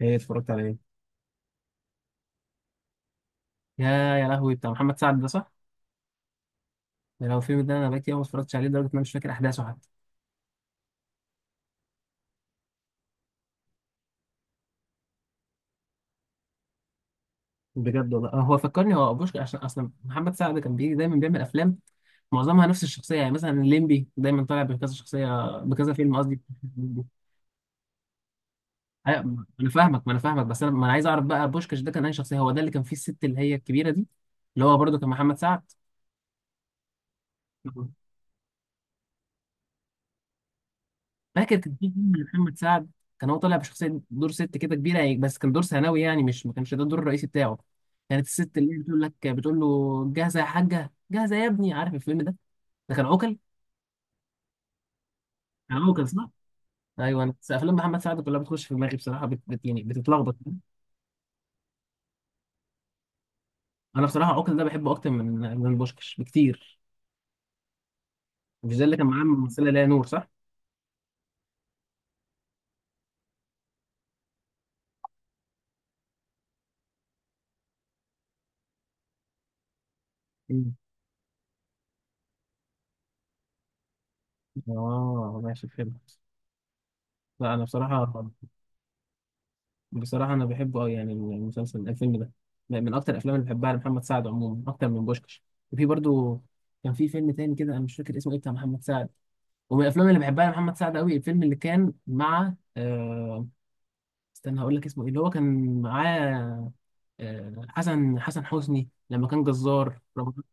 ايه اتفرجت على ايه؟ يا يا لهوي بتاع محمد سعد ده صح؟ ده لو الفيلم ده انا بقيت يوم ما اتفرجتش عليه لدرجه ان انا مش فاكر احداثه حتى. بجد والله. هو فكرني هو ابوشكا، عشان اصلا محمد سعد كان بيجي دايما بيعمل افلام معظمها نفس الشخصيه، يعني مثلا الليمبي دايما طالع بكذا شخصيه بكذا فيلم. قصدي أيوة، ما انا فاهمك، بس انا ما انا عايز اعرف بقى بوشكاش ده كان اي شخصيه. هو ده اللي كان فيه الست اللي هي الكبيره دي، اللي هو برضه كان محمد سعد. فاكر كان في فيلم لمحمد سعد كان هو طالع بشخصيه دور ست كده كبيره، يعني بس كان دور ثانوي، يعني مش ما كانش ده الدور الرئيسي بتاعه. كانت الست اللي هي بتقول لك بتقول له جاهزه يا حاجه جاهزه يا ابني، عارف الفيلم ده؟ ده كان عوكل. كان عوكل صح. ايوه انا بس افلام محمد سعد كلها بتخش في دماغي بصراحه، يعني بتتلخبط. انا بصراحه عوكل ده بحبه اكتر من بوشكش بكتير. مش ده اللي كان معاه الممثله ليلى نور صح؟ مم. اه ماشي فهمت. لا انا بصراحه. أنا بحبه أوي، يعني الفيلم ده من أكتر الأفلام اللي بحبها لمحمد سعد عموما، أكتر من بوشكش. وفي برضو كان في فيلم تاني كده أنا مش فاكر اسمه إيه، بتاع محمد سعد. ومن الأفلام اللي بحبها لمحمد سعد أوي الفيلم اللي كان مع استنى هقول لك اسمه إيه، اللي هو كان معاه حسن حسني، لما كان جزار رمضان.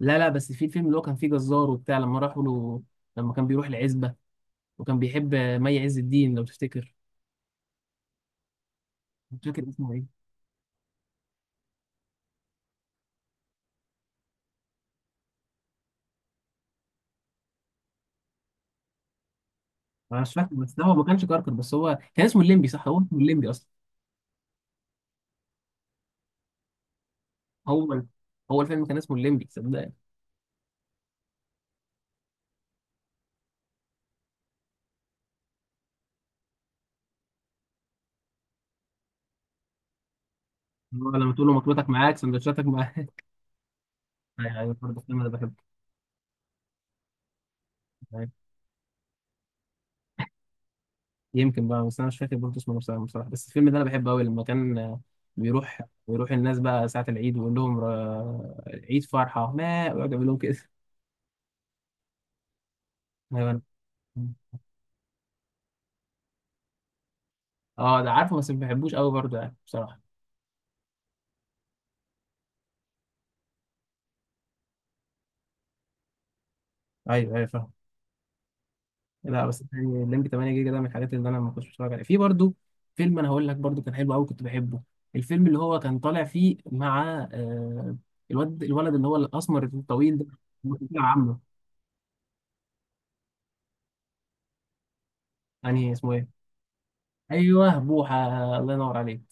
لا لا، بس في الفيلم اللي هو كان فيه جزار وبتاع، لما راحوا له، لما كان بيروح العزبة وكان بيحب مي عز الدين، لو تفتكر. مش فاكر اسمه إيه. انا مش فاكر، بس ده هو ما كانش كركر. بس هو كان اسمه الليمبي صح، هو اسمه الليمبي اصلا. هو الفيلم كان اسمه الليمبي، صدقني. هو لما تقول له مطبتك معاك سندوتشاتك معاك ايوه أيوة، برضه الفيلم ده بحبه. أيوة. يمكن بقى، بس انا مش فاكر برضه اسمه بصراحه. بس الفيلم ده انا بحبه قوي، لما كان بيروح بيروح الناس بقى ساعه العيد، ويقول لهم عيد فرحه ما، ويقعد يعمل لهم كده ايوه. اه ده عارفه، بس ما بحبوش قوي برضه يعني بصراحه. ايوه ايوه فاهم. لا بس يعني الليمبي 8 جيجا ده من الحاجات اللي انا ما كنتش بتفرج عليها في برضو. فيلم انا هقول لك برضو كان حلو قوي كنت بحبه، الفيلم اللي هو كان طالع فيه مع الولد اللي هو الاسمر الطويل ده، اللي كان طالع عمه. يعني اسمه ايه. ايوه بوحه. الله ينور عليك.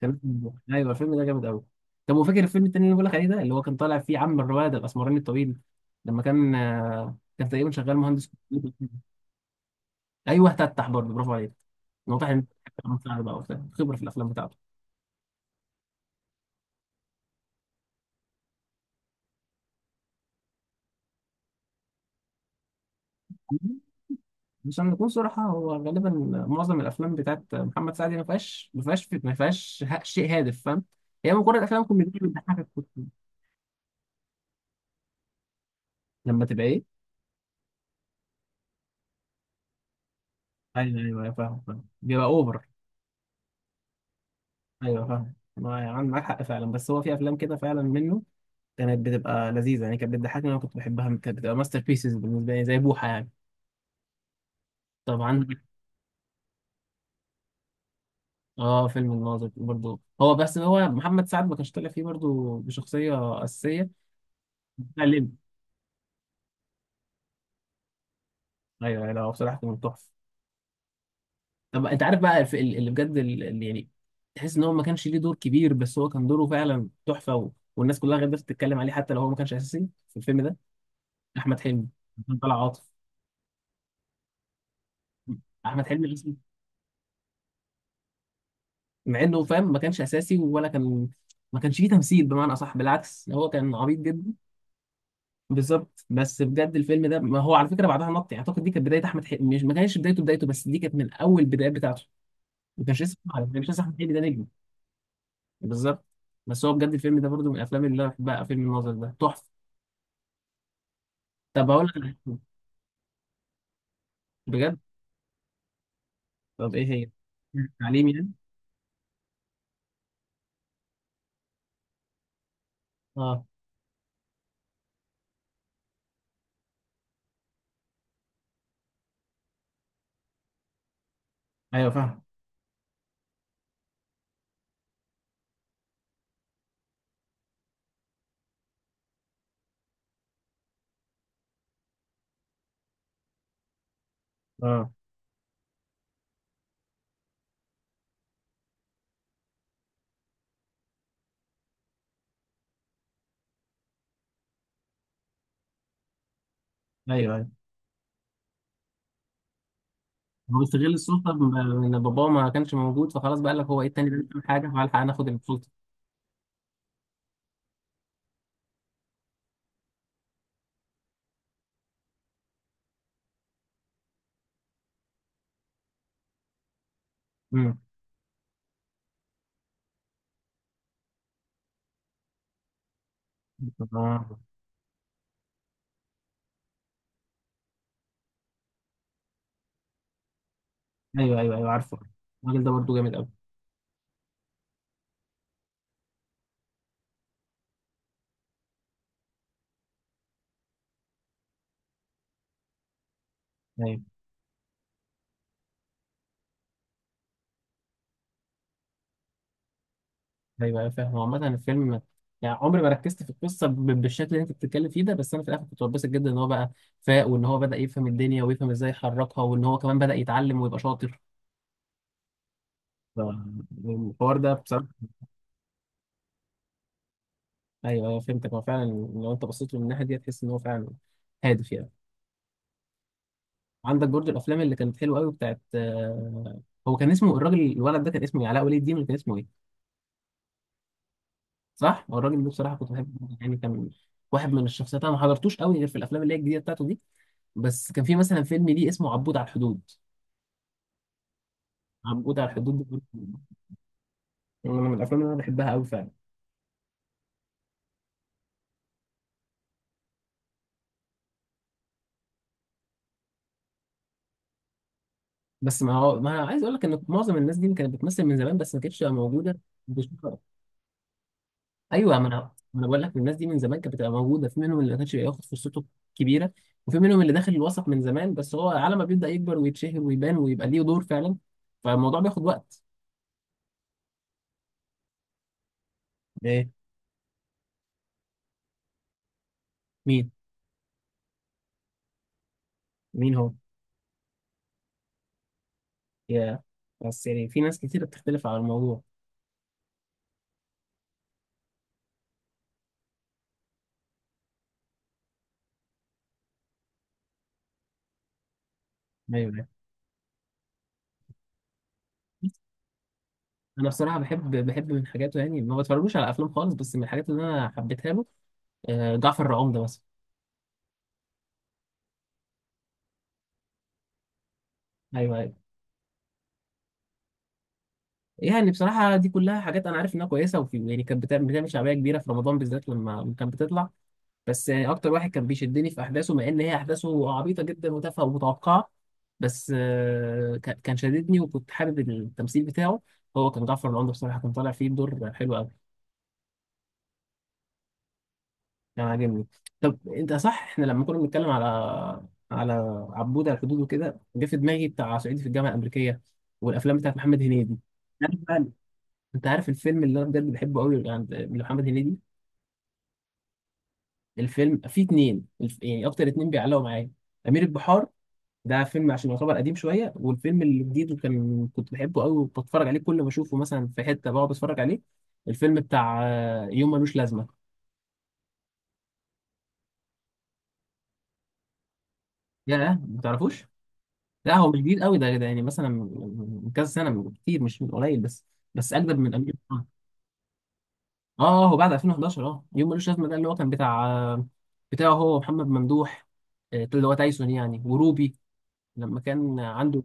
كان اسمه بوحه، ايوه الفيلم ده جامد قوي. طب وفاكر الفيلم التاني اللي بقول لك عليه ده، اللي هو كان طالع فيه عم الرواد الاسمراني الطويل، لما كان كان تقريبا شغال مهندس كمبيوتر. ايوه تفتح، برضه برافو عليك. واضح ان أنت بقى وبتاع، خبره في الافلام بتاعته. عشان نكون صراحة، هو غالبا معظم الأفلام بتاعت محمد سعد ما فيهاش شيء هادف، فاهم. هي مجرد أفلام كوميدية بتضحكك كتير. لما تبقى إيه؟ أيوه أيوه أيوة، فاهم فاهم بيبقى أوفر. أيوه فاهم، ما يعني معاك حق فعلا. بس هو في أفلام كده فعلا منه كانت بتبقى لذيذة، يعني كانت بتضحكني، أنا كنت بحبها، كانت بتبقى ماستر بيسز بالنسبة لي زي بوحة يعني. طبعا. اه فيلم الناظر برضه هو، بس هو محمد سعد ما كانش طالع فيه برضه بشخصية أساسية. بتاع الليمبي. أيوه أيوة، لا هو بصراحة كان تحفة. طب انت عارف بقى، اللي بجد اللي يعني تحس ان هو ما كانش ليه دور كبير، بس هو كان دوره فعلا تحفه، والناس كلها غير تتكلم عليه حتى لو هو ما كانش اساسي في الفيلم ده. احمد حلمي. كان طلع عاطف. احمد حلمي أصلاً. مع انه، فاهم، ما كانش اساسي ولا كان ما كانش فيه تمثيل، بمعنى اصح بالعكس هو كان عبيط جدا. بالظبط. بس بجد الفيلم ده ما هو على فكره بعدها نط. يعني اعتقد دي كانت بدايه احمد حلمي، مش ما كانش بدايته بدايته. بس دي كانت من اول البدايات بتاعته. ما كانش لسه احمد حلمي ده نجم. بالظبط. بس هو بجد الفيلم ده برضو من الافلام اللي انا بحبها، فيلم الناظر ده تحفه. طب اقول لك على حاجة. بجد. طب ايه هي. تعليم يعني. اه. ايوه فاهم. اه ايوه ايوه. هو استغل السلطه ان باباه ما كانش موجود، فخلاص بقى لك هو ايه التاني ده بيعمل حاجه، فالحق ناخد السلطه. امم. آه. ايوه ايوه ايوه عارفه. الراجل ده برضو جامد قوي. ايوه ايوه فاهم. هو عامة الفيلم يعني عمري ما ركزت في القصة بالشكل اللي انت بتتكلم فيه ده، بس انا في الاخر كنت متبسط جدا ان هو بقى فاق، وان هو بدأ يفهم الدنيا ويفهم ازاي يحركها، وان هو كمان بدأ يتعلم ويبقى شاطر. ف- الحوار ده بصراحة. ايوه ايوه فهمتك، هو فعلا لو انت بصيت له من الناحية دي هتحس ان هو فعلا هادف يعني. عندك برضو الافلام اللي كانت حلوة قوي بتاعت هو كان اسمه الولد ده كان اسمه إيه؟ علاء ولي الدين ولا كان اسمه ايه؟ صح، هو الراجل ده بصراحة كنت بحبه يعني، كان واحد من الشخصيات. انا ما حضرتوش قوي غير في الافلام اللي هي الجديدة بتاعته دي. بس كان في مثلا فيلم ليه اسمه عبود على الحدود، عبود على الحدود ده برضه من الافلام اللي انا بحبها قوي فعلا. بس ما هو ما أنا عايز اقول لك ان معظم الناس دي كانت بتمثل من زمان، بس ما كانتش بتبقى موجوده بشكل. ايوه ما انا بقول لك الناس دي من زمان كانت بتبقى موجوده، في منهم اللي ما كانش بياخد فرصته كبيره، وفي منهم اللي داخل الوسط من زمان، بس هو على ما بيبدا يكبر ويتشهر ويبان ويبقى ليه دور فعلا، فالموضوع بياخد وقت. ايه. مين مين هو. يا بس يعني في ناس كتير بتختلف على الموضوع. ايوه انا بصراحه بحب من حاجاته، يعني ما بتفرجوش على افلام خالص، بس من الحاجات اللي انا حبيتها له جعفر العمدة مثلا. ايوه ايوه. يعني بصراحه دي كلها حاجات انا عارف انها كويسه، وفي يعني كانت بتعمل شعبيه كبيره في رمضان بالذات لما كانت بتطلع. بس يعني اكتر واحد كان بيشدني في احداثه، مع ان هي احداثه عبيطه جدا وتافهه ومتوقعه، بس كان شددني وكنت حابب التمثيل بتاعه. هو كان جعفر العمدة بصراحه كان طالع فيه بدور حلو قوي. انا عاجبني. طب انت صح، احنا لما كنا بنتكلم على عبود على الحدود وكده، جه في دماغي بتاع صعيدي في الجامعه الامريكيه والافلام بتاعت محمد هنيدي. عارف بقى. انت عارف الفيلم اللي انا بجد بحبه قوي عند محمد هنيدي؟ الفيلم فيه اتنين يعني اكتر، اتنين بيعلقوا معايا. امير البحار ده فيلم، عشان يعتبر قديم شويه. والفيلم الجديد وكان كنت بحبه قوي، وبتفرج عليه كل ما اشوفه مثلا في حته بقعد اتفرج عليه، الفيلم بتاع يوم ملوش لازمه. يا ما تعرفوش. لا هو مش جديد قوي ده. يعني مثلا من كذا سنه، من كتير مش من قليل، بس بس اجدد من امير خان. اه هو بعد 2011. اه يوم ملوش لازمه ده، اللي هو كان بتاعه، هو ومحمد ممدوح اللي هو تايسون يعني، وروبي، لما كان عنده.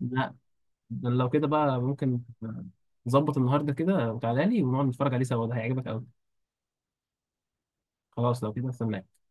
لا. ده لو كده بقى ممكن نظبط النهارده كده وتعالى لي ونقعد نتفرج عليه سوا، ده هيعجبك قوي. خلاص، لو كده استناك.